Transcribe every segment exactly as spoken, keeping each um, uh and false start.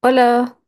Hola,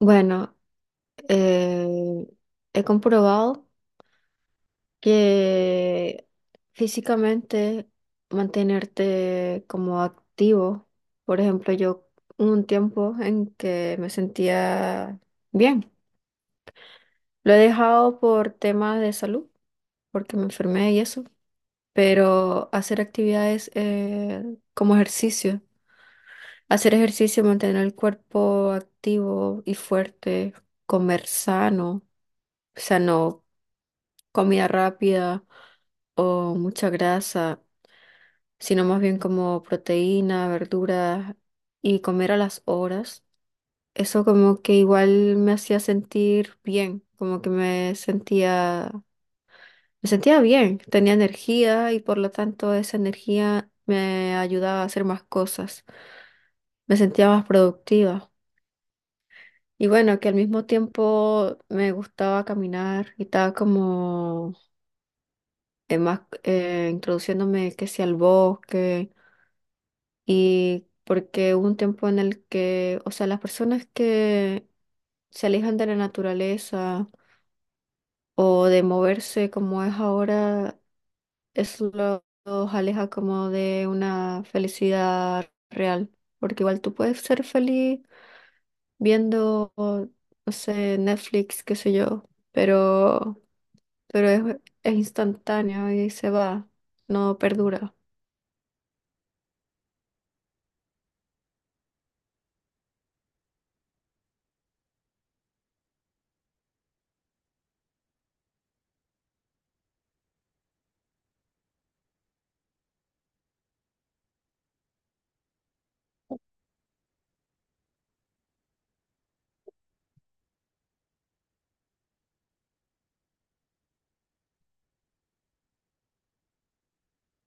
bueno, eh, he comprobado que físicamente mantenerte como activo. Por ejemplo, yo hubo un tiempo en que me sentía bien, lo he dejado por temas de salud, porque me enfermé y eso, pero hacer actividades eh, como ejercicio. Hacer ejercicio, mantener el cuerpo activo y fuerte, comer sano, o sea, no comida rápida o mucha grasa, sino más bien como proteína, verduras y comer a las horas. Eso como que igual me hacía sentir bien, como que me sentía me sentía bien, tenía energía y por lo tanto esa energía me ayudaba a hacer más cosas. Me sentía más productiva. Y bueno, que al mismo tiempo me gustaba caminar y estaba como eh, más eh, introduciéndome que sea al bosque, y porque hubo un tiempo en el que, o sea, las personas que se alejan de la naturaleza o de moverse como es ahora, eso lo- los aleja como de una felicidad real, porque igual tú puedes ser feliz viendo, no sé, Netflix, qué sé yo, pero, pero es, es instantáneo y se va, no perdura.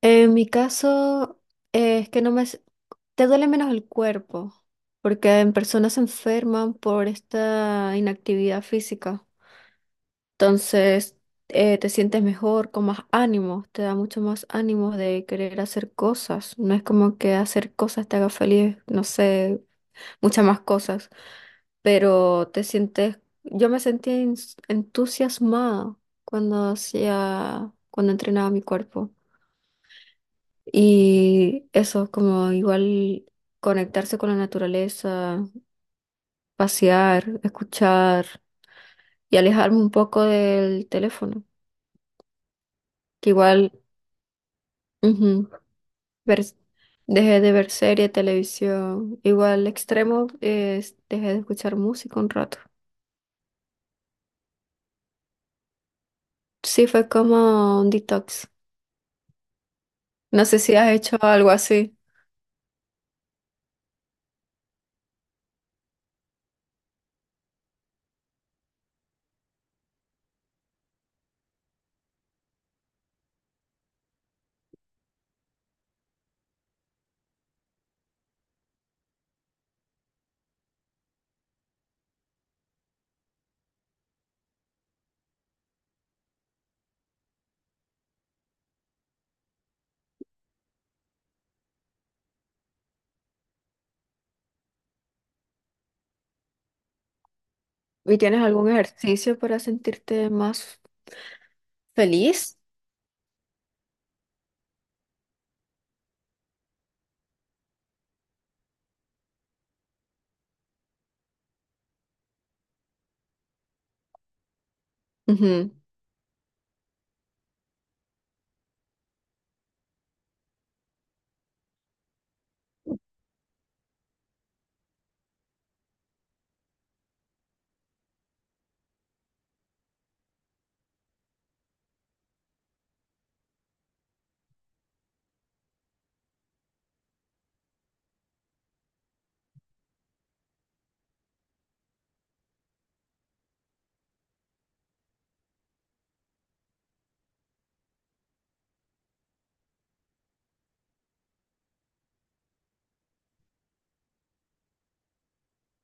En mi caso, eh, es que no me... s- te duele menos el cuerpo, porque en personas se enferman por esta inactividad física. Entonces, eh, te sientes mejor, con más ánimo, te da mucho más ánimo de querer hacer cosas. No es como que hacer cosas te haga feliz, no sé, muchas más cosas, pero te sientes, yo me sentía ens- entusiasmada cuando hacía, cuando entrenaba mi cuerpo. Y eso, como igual conectarse con la naturaleza, pasear, escuchar y alejarme un poco del teléfono, que igual... ujú, ver- dejé de ver serie, televisión, igual extremo, es- dejé de escuchar música un rato. Sí, fue como un detox. No sé si has hecho algo así y tienes algún ejercicio para sentirte más feliz. Ujú.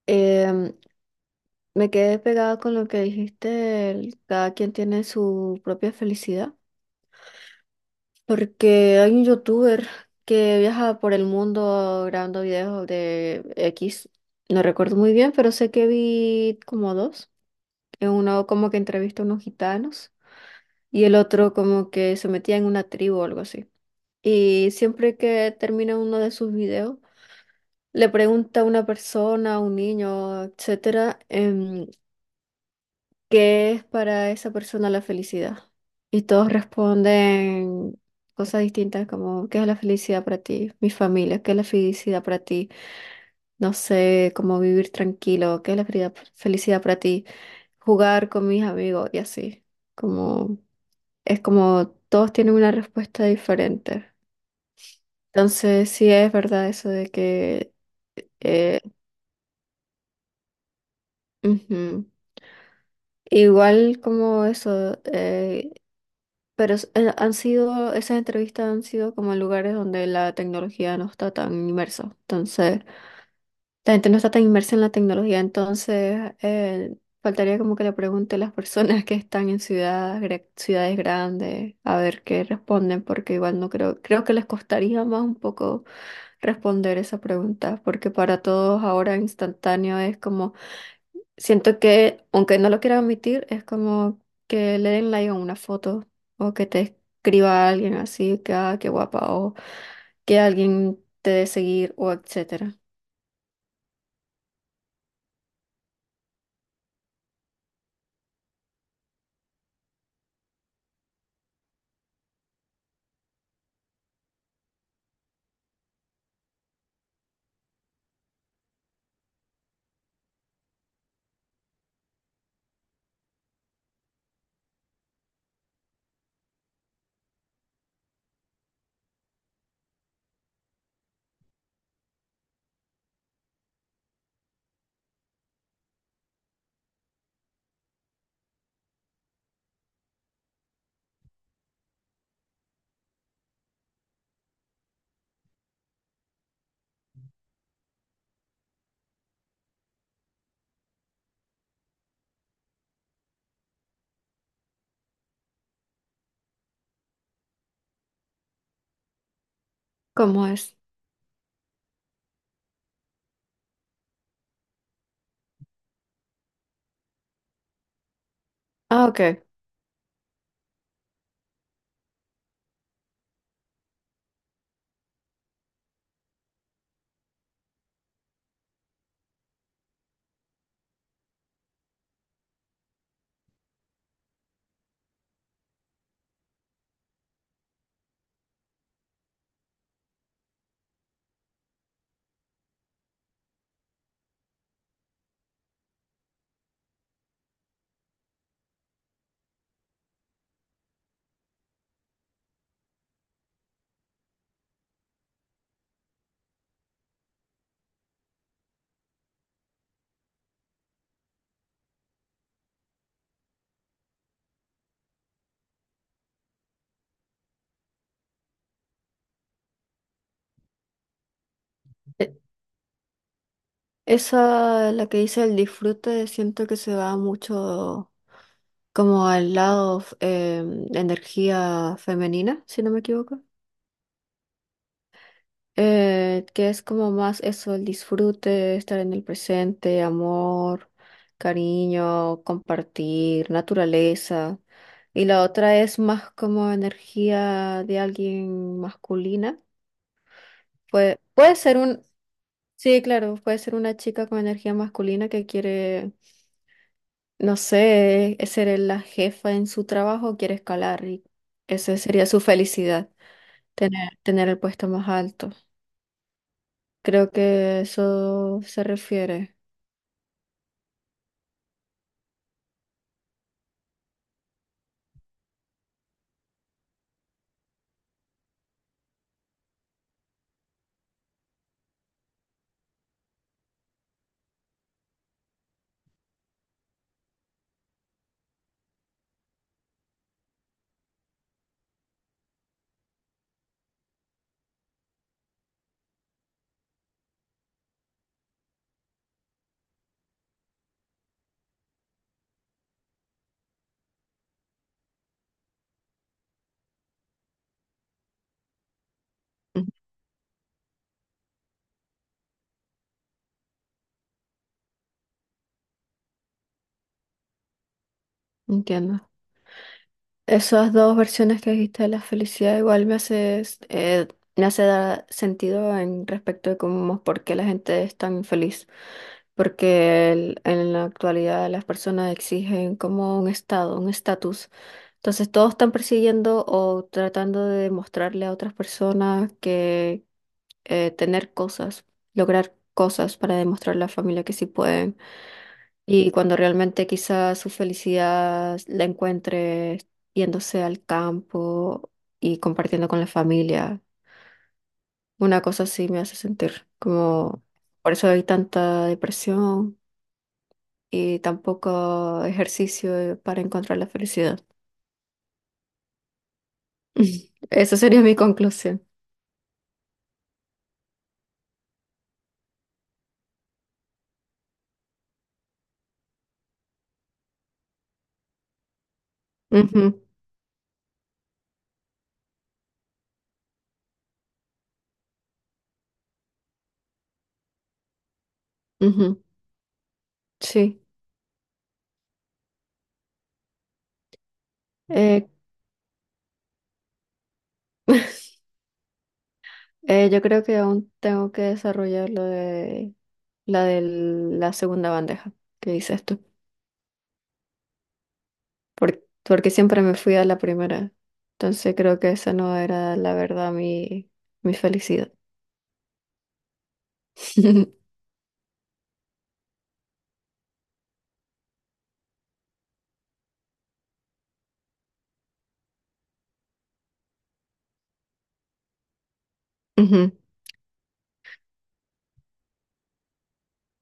Em, Me quedé pegada con lo que dijiste, del cada quien tiene su propia felicidad, porque hay un youtuber que viaja por el mundo grabando videos de X, no recuerdo muy bien, pero sé que vi como dos. En uno como que entrevista a unos gitanos y el otro como que se metía en una tribu o algo así. Y siempre que termina uno de sus videos, le pregunta a una persona, a un niño, etcétera, em, ¿qué es para esa persona la felicidad? Y todos responden cosas distintas como, ¿qué es la felicidad para ti? Mi familia. ¿Qué es la felicidad para ti? No sé, cómo vivir tranquilo. ¿Qué es la felicidad felicidad para ti? Jugar con mis amigos y así. Como, es como todos tienen una respuesta diferente. Entonces, sí es verdad eso de que... eh, ujú. Igual como eso, eh, pero s- eh, han sido, esas entrevistas han sido como en lugares donde la tecnología no está tan inmersa. Entonces, la gente no está tan inmersa en la tecnología, entonces eh, faltaría como que le pregunte a las personas que están en ciudades, gra- ciudades grandes a ver qué responden, porque igual no creo, creo que les costaría más un poco responder esa pregunta, porque para todos ahora instantáneo es como... siento que, aunque no lo quiera admitir, es como que le den like a una foto o que te escriba alguien así, que ah, qué guapa, o que alguien te dé seguir, o etcétera. ¿Cómo es? Ah, ok. E- Esa, la que dice el disfrute, siento que se va mucho como al lado f- em, energía femenina, si no me equivoco. Eh, que es como más eso, el disfrute, estar en el presente, amor, cariño, compartir, naturaleza. Y la otra es más como energía de alguien masculina. Puede, puede ser un, sí, claro, puede ser una chica con energía masculina que quiere, no sé, ser la jefa en su trabajo, quiere escalar y esa sería su felicidad, tener, tener el puesto más alto. Creo que eso se refiere. Ujú. Entiendo. Esas dos versiones que dijiste de la felicidad igual me hace, s- eh, me hace dar sentido en respecto de cómo, por qué la gente es tan infeliz. Porque el- en la actualidad las personas exigen como un estado, un estatus. Entonces todos están persiguiendo o tratando de demostrarle a otras personas que eh, tener cosas, lograr cosas para demostrarle a la familia que sí pueden. Y cuando realmente quizás su felicidad la encuentre yéndose al campo y compartiendo con la familia. Una cosa así me hace sentir como por eso hay tanta depresión y tan poco ejercicio para encontrar la felicidad. Esa sería mi conclusión. Ujú, ujú, sí. Eh, eh, yo creo que aún tengo que desarrollar lo de la de la segunda bandeja que dices tú. Por- porque siempre me fui a la primera. Entonces creo que esa no era la verdad mi, mi felicidad. Ujú.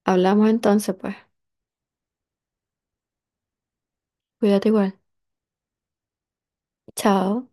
Hablamos entonces, pues. Cuídate igual. Chao.